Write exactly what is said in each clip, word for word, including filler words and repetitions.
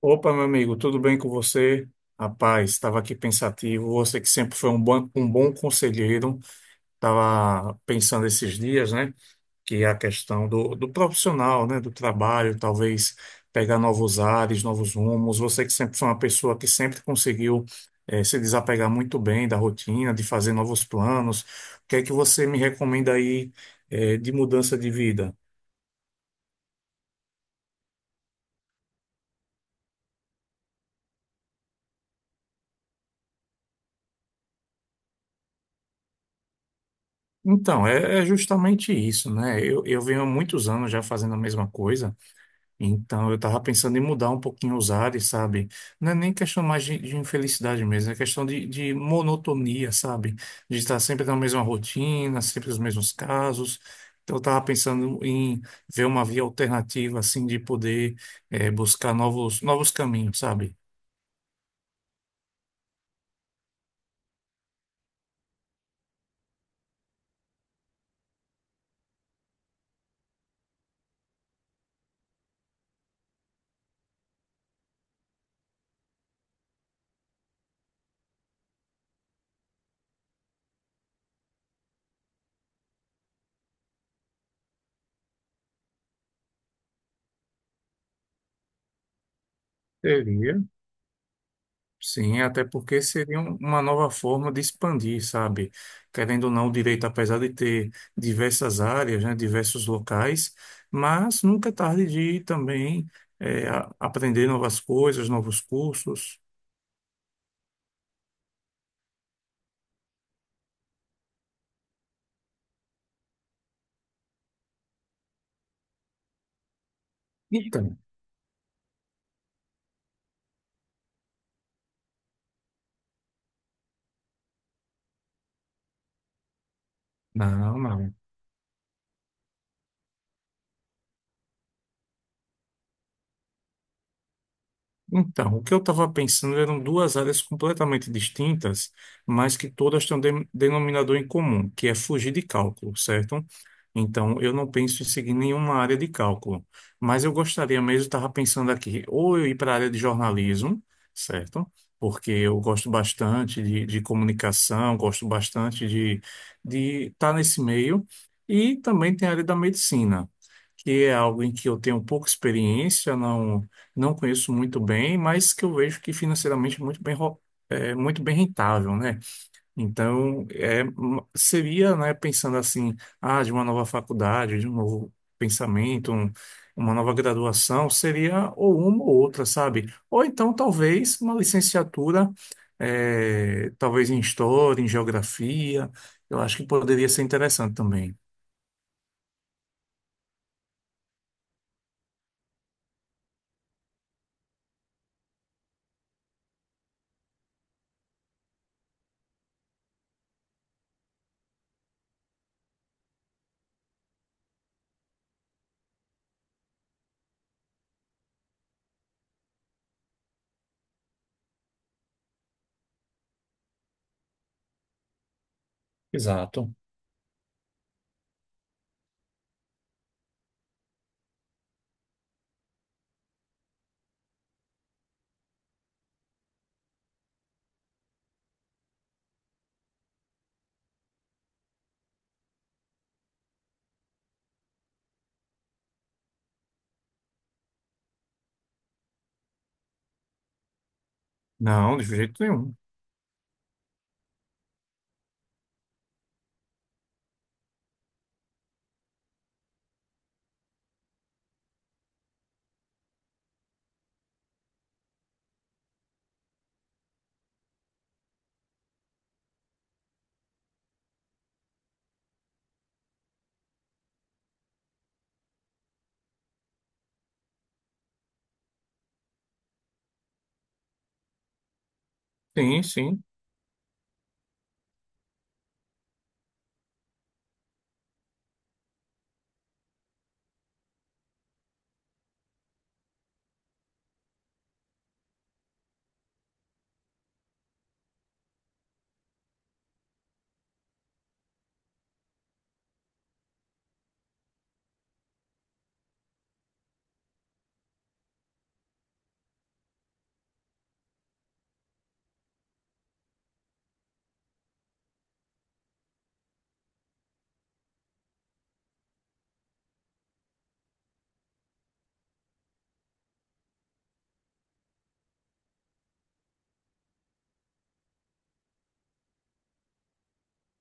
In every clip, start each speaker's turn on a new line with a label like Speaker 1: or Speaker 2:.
Speaker 1: Opa, meu amigo, tudo bem com você? Rapaz, estava aqui pensativo. Você que sempre foi um bom, um bom conselheiro, estava pensando esses dias, né? Que é a questão do, do profissional, né? Do trabalho, talvez pegar novos ares, novos rumos. Você que sempre foi uma pessoa que sempre conseguiu, eh, se desapegar muito bem da rotina, de fazer novos planos. O que é que você me recomenda aí, eh, de mudança de vida? Então, é, é justamente isso, né? Eu, eu venho há muitos anos já fazendo a mesma coisa. Então, eu estava pensando em mudar um pouquinho os ares, sabe? Não é nem questão mais de, de infelicidade mesmo, é questão de, de monotonia, sabe? De estar sempre na mesma rotina, sempre os mesmos casos. Então, eu estava pensando em ver uma via alternativa, assim, de poder eh, buscar novos, novos caminhos, sabe? Seria Sim, até porque seria um- uma nova forma de expandir, sabe? Querendo ou não, o direito, apesar de ter diversas áreas, né, diversos locais, mas nunca é tarde de também eh, a- aprender novas coisas, novos cursos. Então, não, não. Então, o que eu estava pensando eram duas áreas completamente distintas, mas que todas têm um de- denominador em comum, que é fugir de cálculo, certo? Então, eu não penso em seguir nenhuma área de cálculo, mas eu gostaria mesmo, estava pensando aqui, ou eu ir para a área de jornalismo, certo? Porque eu gosto bastante de, de comunicação, gosto bastante de de estar nesse meio, e também tem a área da medicina, que é algo em que eu tenho pouca experiência, não não conheço muito bem, mas que eu vejo que financeiramente é muito bem, ro- é muito bem rentável, né? Então, é, hum, seria, né, pensando assim, ah, de uma nova faculdade, de um novo pensamento, um- uma nova graduação, seria ou uma ou outra, sabe? Ou então, talvez, uma licenciatura, é, talvez em história, em geografia, eu acho que poderia ser interessante também. Exato. Não, de jeito nenhum. Sim, sim.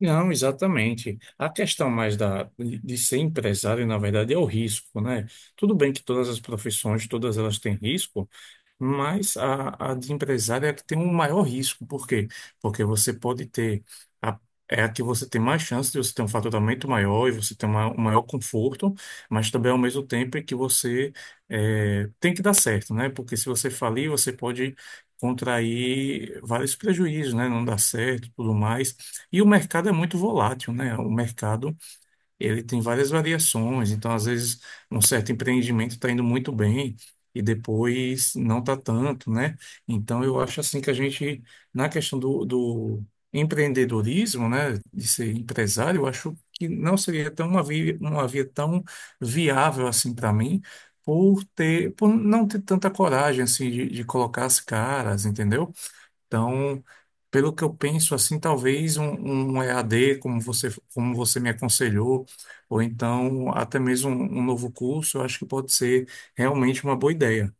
Speaker 1: Não, exatamente. A questão mais da, de de ser empresário, na verdade, é o risco, né? Tudo bem que todas as profissões, todas elas têm risco, mas a, a de empresário é a que tem um maior risco. Por quê? Porque você pode ter. A, é a que você tem mais chance de você ter um faturamento maior e você ter uma, um maior conforto, mas também ao mesmo tempo é que você é, tem que dar certo, né? Porque se você falir, você pode contrair vários prejuízos, né? Não dar certo, tudo mais. E o mercado é muito volátil, né? O mercado, ele tem várias variações, então às vezes um certo empreendimento está indo muito bem e depois não está tanto, né? Então eu acho assim que a gente, na questão do, do empreendedorismo, né, de ser empresário, eu acho que não seria tão uma via, uma via tão viável assim para mim, por ter, por não ter tanta coragem assim de, de colocar as caras, entendeu? Então, pelo que eu penso, assim, talvez um, um E A D, como você, como você me aconselhou, ou então até mesmo um, um novo curso, eu acho que pode ser realmente uma boa ideia.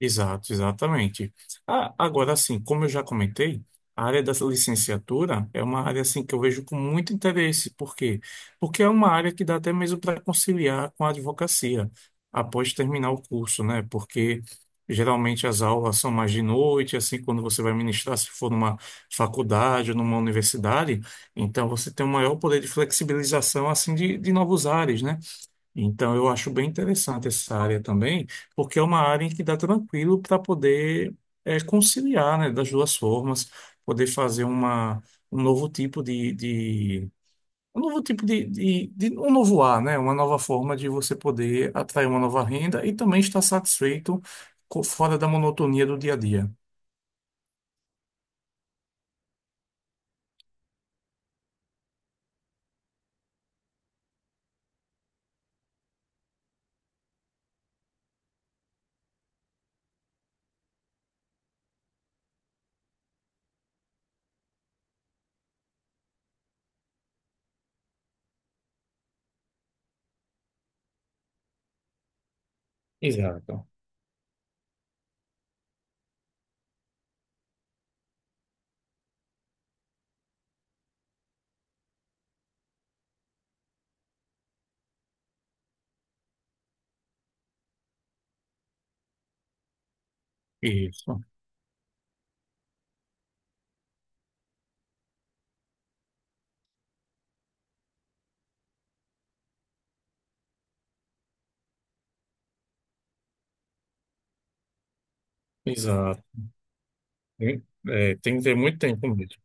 Speaker 1: Exato, exatamente. Ah, agora, assim, como eu já comentei, a área da licenciatura é uma área assim que eu vejo com muito interesse. Por quê? Porque é uma área que dá até mesmo para conciliar com a advocacia após terminar o curso, né? Porque geralmente as aulas são mais de noite, assim, quando você vai ministrar, se for numa faculdade ou numa universidade, então você tem um maior poder de flexibilização assim de, de novos ares, né? Então, eu acho bem interessante essa área também, porque é uma área em que dá tranquilo para poder eh, conciliar, né, das duas formas, poder fazer uma, um novo tipo de, de um novo tipo de, de, de- um novo ar, né, uma nova forma de você poder atrair uma nova renda e também estar satisfeito co- fora da monotonia do dia a dia. Exato. Isso. Exato. Tem- É, tem que ter muito tempo mesmo.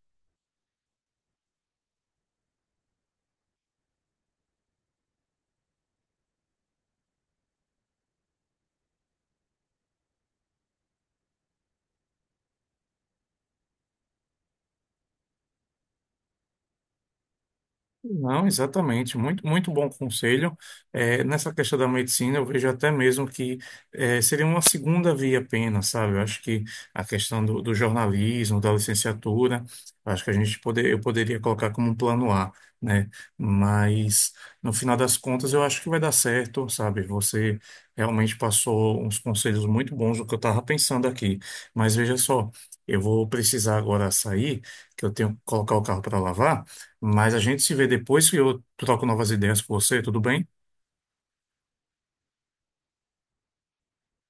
Speaker 1: Não, exatamente. Muito, muito bom conselho. É, nessa questão da medicina, eu vejo até mesmo que é, seria uma segunda via apenas, sabe? Eu acho que a questão do, do jornalismo, da licenciatura, acho que a gente poder, eu poderia colocar como um plano A, né? Mas, no final das contas, eu acho que vai dar certo, sabe? Você realmente passou uns conselhos muito bons do que eu estava pensando aqui. Mas veja só, eu vou precisar agora sair, que eu tenho que colocar o carro para lavar. Mas a gente se vê depois que eu troco novas ideias com você, tudo bem?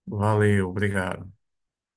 Speaker 1: Valeu, obrigado.